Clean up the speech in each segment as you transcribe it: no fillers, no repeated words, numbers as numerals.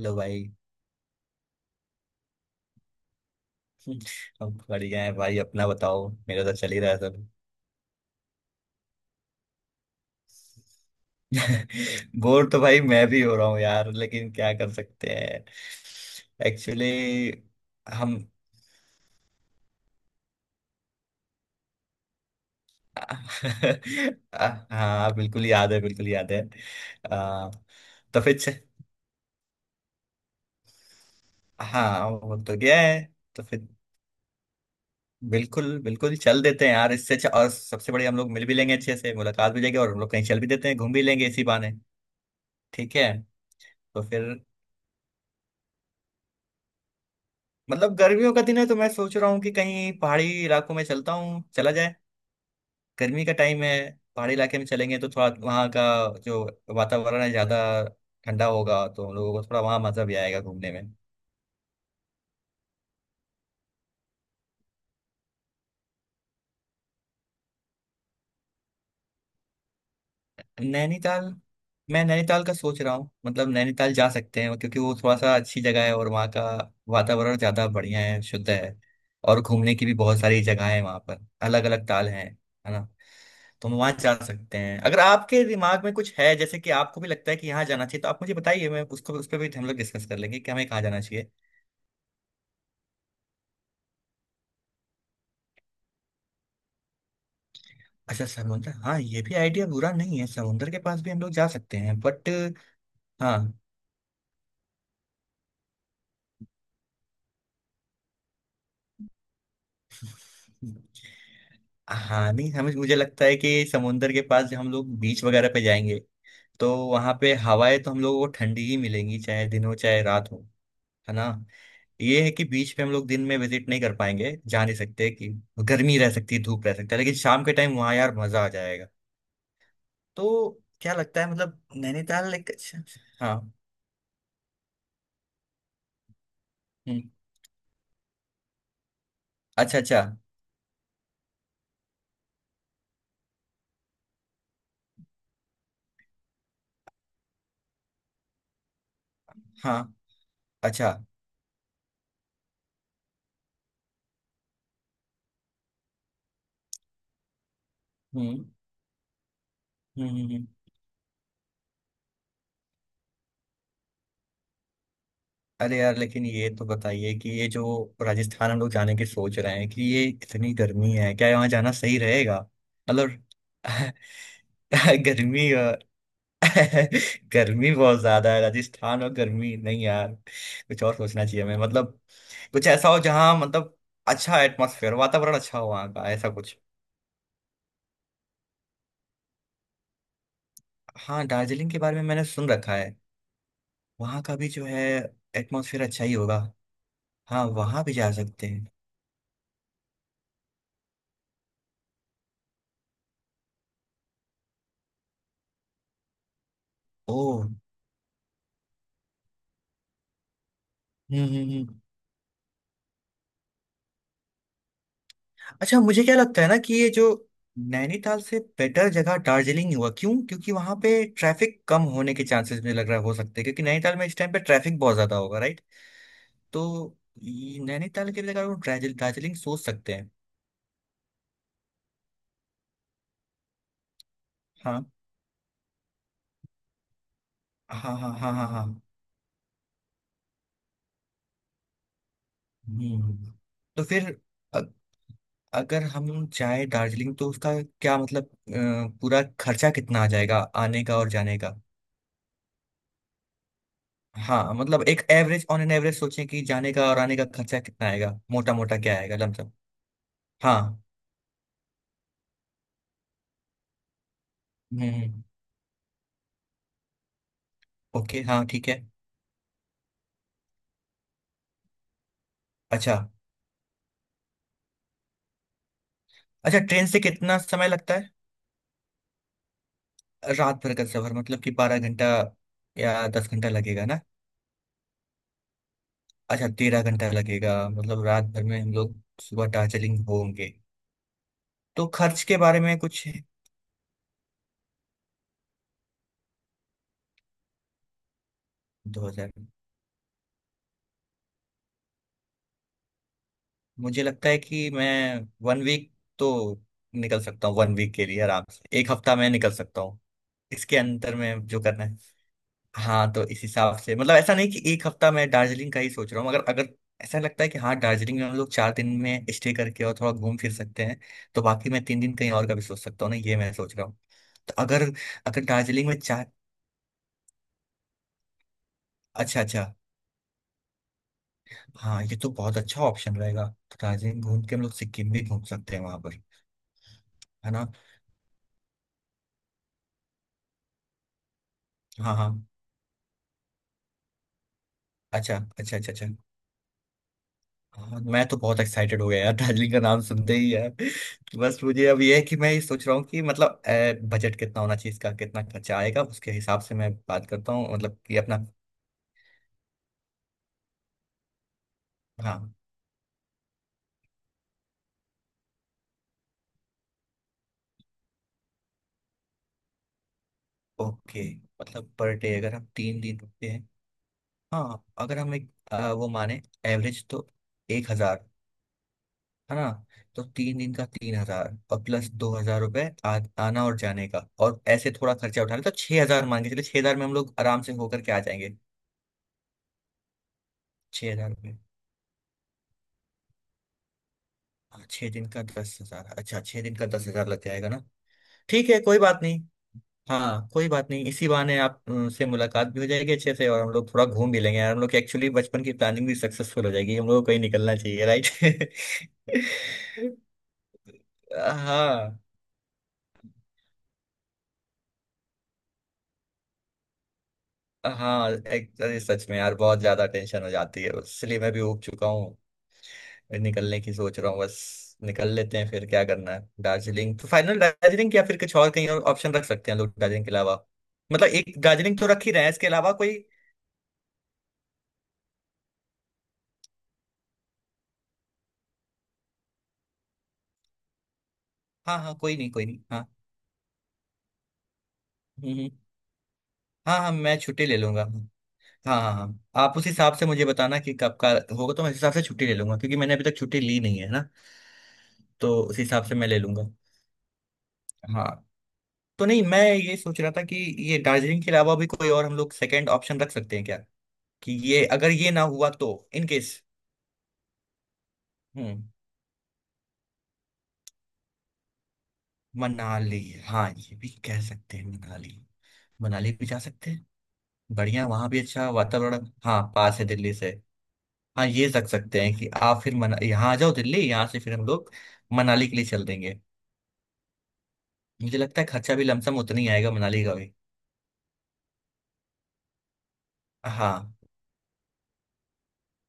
लो भाई। अब बढ़िया है भाई। अपना बताओ, मेरा तो चल ही रहा है सब। बोर तो भाई मैं भी हो रहा हूँ यार, लेकिन क्या कर सकते हैं। एक्चुअली हम हाँ बिल्कुल याद है, बिल्कुल याद है। आ, तो फिर हाँ वो तो गया है। तो फिर बिल्कुल बिल्कुल चल देते हैं यार, इससे अच्छा और सबसे बड़ी हम लोग मिल भी लेंगे अच्छे से, मुलाकात भी हो जाएगी और हम लोग कहीं चल भी देते हैं, घूम भी लेंगे इसी बहाने। ठीक है। तो फिर मतलब गर्मियों का दिन है, तो मैं सोच रहा हूँ कि कहीं पहाड़ी इलाकों में चलता हूँ, चला जाए। गर्मी का टाइम है। पहाड़ी इलाके में चलेंगे तो थोड़ा वहाँ का जो वातावरण है ज्यादा ठंडा होगा, तो हम लोगों को थोड़ा वहाँ मजा भी आएगा घूमने में। नैनीताल। मैं नैनीताल का सोच रहा हूँ, मतलब नैनीताल जा सकते हैं क्योंकि वो थोड़ा सा अच्छी जगह है और वहाँ का वातावरण ज्यादा बढ़िया है, शुद्ध है। और घूमने की भी बहुत सारी जगह है वहाँ पर, अलग अलग ताल हैं, है ना। तो हम वहां जा सकते हैं। अगर आपके दिमाग में कुछ है, जैसे कि आपको भी लगता है कि यहाँ जाना चाहिए, तो आप मुझे बताइए, मैं उसको उस पर भी हम लोग डिस्कस कर लेंगे कि हमें कहाँ जाना चाहिए। अच्छा समुंदर, हाँ ये भी आइडिया बुरा नहीं है, समुंदर के पास भी हम लोग जा सकते हैं बट। हाँ। हाँ नहीं हमें, मुझे लगता है कि समुंदर के पास जब हम लोग बीच वगैरह पे जाएंगे, तो वहां पे हवाएं तो हम लोगों को ठंडी ही मिलेंगी, चाहे दिन हो चाहे रात हो, है ना। ये है कि बीच पे हम लोग दिन में विजिट नहीं कर पाएंगे, जा नहीं सकते, कि गर्मी रह सकती है, धूप रह सकता है, लेकिन शाम के टाइम वहाँ यार मजा आ जाएगा। तो क्या लगता है, मतलब नैनीताल एक अच्छा, अच्छा। हाँ। हम्म। अच्छा, अच्छा। हाँ। अच्छा। हम्म, हम्म, अरे यार, लेकिन ये तो बताइए कि ये जो राजस्थान हम लोग जाने की सोच रहे हैं, कि ये इतनी गर्मी है, क्या यहाँ जाना सही रहेगा? मतलब। गर्मी। गर्मी बहुत ज्यादा है राजस्थान और, गर्मी नहीं यार, कुछ और सोचना चाहिए हमें, मतलब। कुछ ऐसा हो जहाँ, मतलब अच्छा एटमॉस्फेयर, वातावरण अच्छा हो वहाँ का, ऐसा कुछ। हाँ दार्जिलिंग के बारे में मैंने सुन रखा है। वहाँ का भी जो है एटमॉस्फेयर अच्छा ही होगा। हाँ वहाँ भी जा सकते हैं। ओह। हम्म, हम्म, अच्छा मुझे क्या लगता है ना, कि ये जो नैनीताल से बेटर जगह दार्जिलिंग ही हुआ, क्यों, क्योंकि वहां पे ट्रैफिक कम होने के चांसेस मुझे लग रहा है हो सकते हैं, क्योंकि नैनीताल में इस टाइम पे ट्रैफिक बहुत ज्यादा होगा, right? तो ये नैनीताल के जगह वो दार्जिलिंग सोच सकते हैं। हाँ, हाँ, हाँ, हाँ, हाँ। हाँ। हम्म। तो फिर अ- अगर हम जाए दार्जिलिंग तो उसका क्या मतलब, पूरा खर्चा कितना आ जाएगा? आने का और जाने का। हाँ मतलब एक एवरेज ऑन एन एवरेज सोचें कि जाने का और आने का खर्चा कितना आएगा, मोटा मोटा क्या आएगा, लमसम। हाँ। हम्म। ओके। हाँ ठीक है। अच्छा। अच्छा, ट्रेन से कितना समय लगता है? रात भर का सफर, मतलब कि 12 घंटा या 10 घंटा लगेगा ना? अच्छा, 13 घंटा लगेगा? मतलब रात भर में हम लोग सुबह दार्जिलिंग होंगे। तो खर्च के बारे में कुछ है? 2000? मुझे लगता है कि मैं वन वीक तो निकल सकता हूँ, वन वीक के लिए आराम से, एक हफ्ता में निकल सकता हूँ। इसके अंतर में जो करना है। हाँ तो इस हिसाब से मतलब ऐसा नहीं कि एक हफ्ता मैं दार्जिलिंग का ही सोच रहा हूँ, अगर अगर ऐसा लगता है कि हाँ दार्जिलिंग में हम लोग 4 दिन में स्टे करके और थोड़ा घूम फिर सकते हैं, तो बाकी मैं 3 दिन कहीं और का भी सोच सकता हूँ ना, ये मैं सोच रहा हूँ। तो अगर अगर दार्जिलिंग में चार। अच्छा, अच्छा। हाँ ये तो बहुत अच्छा ऑप्शन रहेगा। दार्जिलिंग घूम के हम लोग सिक्किम भी घूम सकते हैं वहां पर, है ना। हाँ, हाँ। अच्छा, अच्छा, अच्छा, अच्छा। हाँ मैं तो बहुत एक्साइटेड हो गया यार दार्जिलिंग का नाम सुनते ही यार। बस मुझे अब ये है कि मैं ये सोच रहा हूँ कि मतलब बजट कितना होना चाहिए इसका, कितना खर्चा आएगा, उसके हिसाब से मैं बात करता हूँ, मतलब कि अपना। हाँ। ओके। मतलब पर डे अगर हम 3 दिन रुकते हैं। हाँ अगर हम एक, वो माने एवरेज तो 1000, है ना। तो 3 दिन का 3000 और प्लस 2000 रुपए आना और जाने का, और ऐसे थोड़ा खर्चा उठाना, तो 6000 मान के चलिए, 6000 में हम लोग आराम से होकर के आ जाएंगे। 6000 रुपये। हाँ, 6 दिन का 10,000? अच्छा, 6 दिन का 10,000 लग जाएगा ना? ठीक है कोई बात नहीं। हाँ कोई बात नहीं, इसी बहाने आप से मुलाकात भी हो जाएगी अच्छे से, और हम लोग थोड़ा घूम भी लेंगे यार, हम लोग की एक्चुअली बचपन की प्लानिंग भी सक्सेसफुल हो जाएगी। हम लोग को कहीं निकलना चाहिए, राइट। हाँ, हाँ। एक अरे सच में यार, बहुत ज्यादा टेंशन हो जाती है, इसलिए मैं भी उब चुका हूँ, निकलने की सोच रहा हूँ, बस निकल लेते हैं, फिर क्या करना है। दार्जिलिंग तो फाइनल? दार्जिलिंग या फिर कुछ और, कहीं और ऑप्शन रख सकते हैं लोग दार्जिलिंग के अलावा। मतलब एक दार्जिलिंग तो रख ही रहे हैं, इसके अलावा कोई। हाँ, हाँ, कोई नहीं, कोई नहीं, हाँ। हम्म, हाँ, हाँ, मैं छुट्टी ले लूंगा। हाँ, हाँ, हाँ, आप उस हिसाब से मुझे बताना कि कब का होगा, तो मैं उस हिसाब से छुट्टी ले लूंगा क्योंकि मैंने अभी तक छुट्टी ली नहीं है ना, तो उस हिसाब से मैं ले लूंगा। हाँ। तो नहीं मैं ये सोच रहा था कि ये दार्जिलिंग के अलावा भी कोई और हम लोग सेकंड ऑप्शन रख सकते हैं क्या, कि ये अगर ये ना हुआ तो, इन केस। हम्म। मनाली। हाँ ये भी कह सकते हैं, मनाली। मनाली भी जा सकते हैं। बढ़िया, वहां भी अच्छा वातावरण। हाँ, पास है दिल्ली से। हाँ ये रख सकते हैं कि आप फिर मना यहाँ आ जाओ दिल्ली, यहाँ से फिर हम लोग मनाली के लिए चल देंगे। मुझे लगता है खर्चा भी लमसम उतना ही आएगा मनाली का भी। हाँ।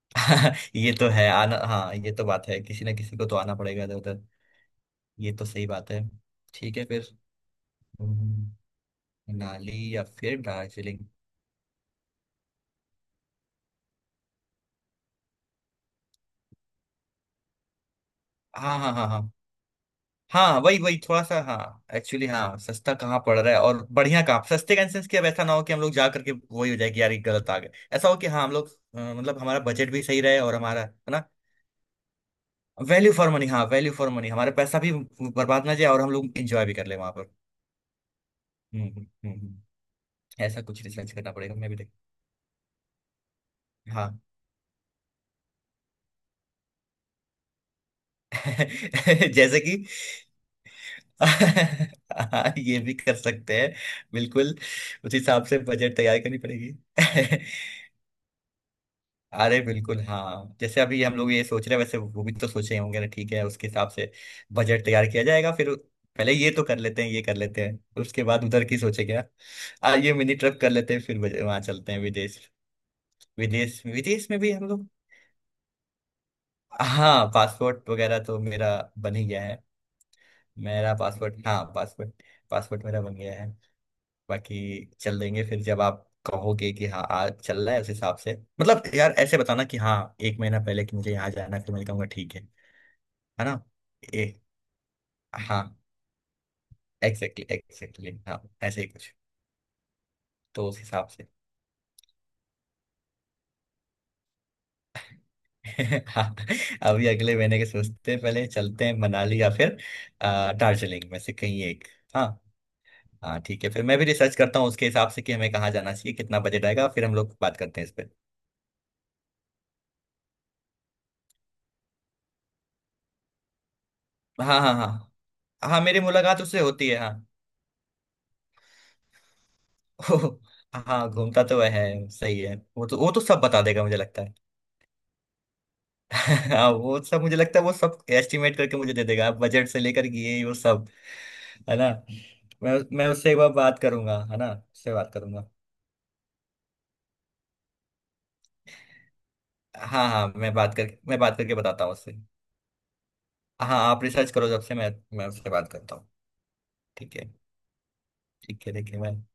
ये तो है, आना, हाँ ये तो बात है, किसी ना किसी को तो आना पड़ेगा इधर उधर। ये तो सही बात है। ठीक है फिर। हम्म, मनाली या फिर दार्जिलिंग। हाँ, हाँ, हाँ, हाँ, हाँ, वही वही, थोड़ा सा हाँ एक्चुअली, हाँ सस्ता कहाँ पड़ रहा है और बढ़िया कहाँ, सस्ते का इंसेंस, कि अब ऐसा ना हो कि हम लोग जा करके वही हो जाए कि यार ये गलत आ गए। ऐसा हो कि हाँ हम लोग मतलब हमारा बजट भी सही रहे और हमारा, है ना। वैल्यू फॉर मनी, हाँ वैल्यू फॉर मनी, हमारा पैसा भी बर्बाद ना जाए और हम लोग एंजॉय भी कर ले वहां पर। हम्म, हम्म, ऐसा कुछ रिसर्च करना पड़ेगा, मैं भी देख। हाँ। जैसे कि। हाँ ये भी कर सकते हैं, बिल्कुल। उस हिसाब से बजट तैयार करनी पड़ेगी। अरे बिल्कुल, हाँ जैसे अभी हम लोग ये सोच रहे हैं, वैसे वो भी तो सोचे ही होंगे ना। ठीक है, उसके हिसाब से बजट तैयार किया जाएगा फिर। पहले ये तो कर लेते हैं, ये कर लेते हैं, उसके बाद उधर की सोचे क्या। ये मिनी ट्रिप कर लेते हैं, फिर वहां चलते हैं विदेश। विदेश, विदेश में भी हम लोग। हाँ पासपोर्ट वगैरह तो मेरा बन ही गया है। मेरा पासपोर्ट, हाँ पासपोर्ट, पासपोर्ट मेरा बन गया है। बाकी चल देंगे फिर जब आप कहोगे कि हाँ आज चल रहा है, उस हिसाब से। मतलब यार ऐसे बताना कि हाँ, एक महीना पहले कि मुझे यहाँ जाना है, फिर मैं कहूँगा ठीक है। है ना। ए, हाँ एग्जैक्टली, एग्जैक्टली, हाँ ऐसे ही कुछ। तो उस हिसाब से। हाँ अभी अगले महीने के सोचते हैं पहले, चलते हैं मनाली या फिर दार्जिलिंग में से कहीं एक। हाँ। हाँ ठीक है फिर। मैं भी रिसर्च करता हूँ उसके हिसाब से कि हमें कहाँ जाना चाहिए, कितना बजट आएगा, फिर हम लोग बात करते हैं इस पर। हाँ, हाँ, हाँ, हाँ, मेरी मुलाकात उससे होती है, हाँ। ओह, हाँ घूमता तो वह है, सही है, वो तो सब बता देगा मुझे लगता है। हाँ वो सब, मुझे लगता है वो सब एस्टिमेट करके मुझे दे देगा, बजट से लेकर कि ये वो सब, है ना। मैं उससे एक बार बात करूंगा, है ना, उससे बात करूंगा। हाँ, हाँ, मैं बात करके बताता हूँ उससे। हाँ आप रिसर्च करो, जब से मैं उससे बात करता हूँ। ठीक है। ठीक है देखिए मैं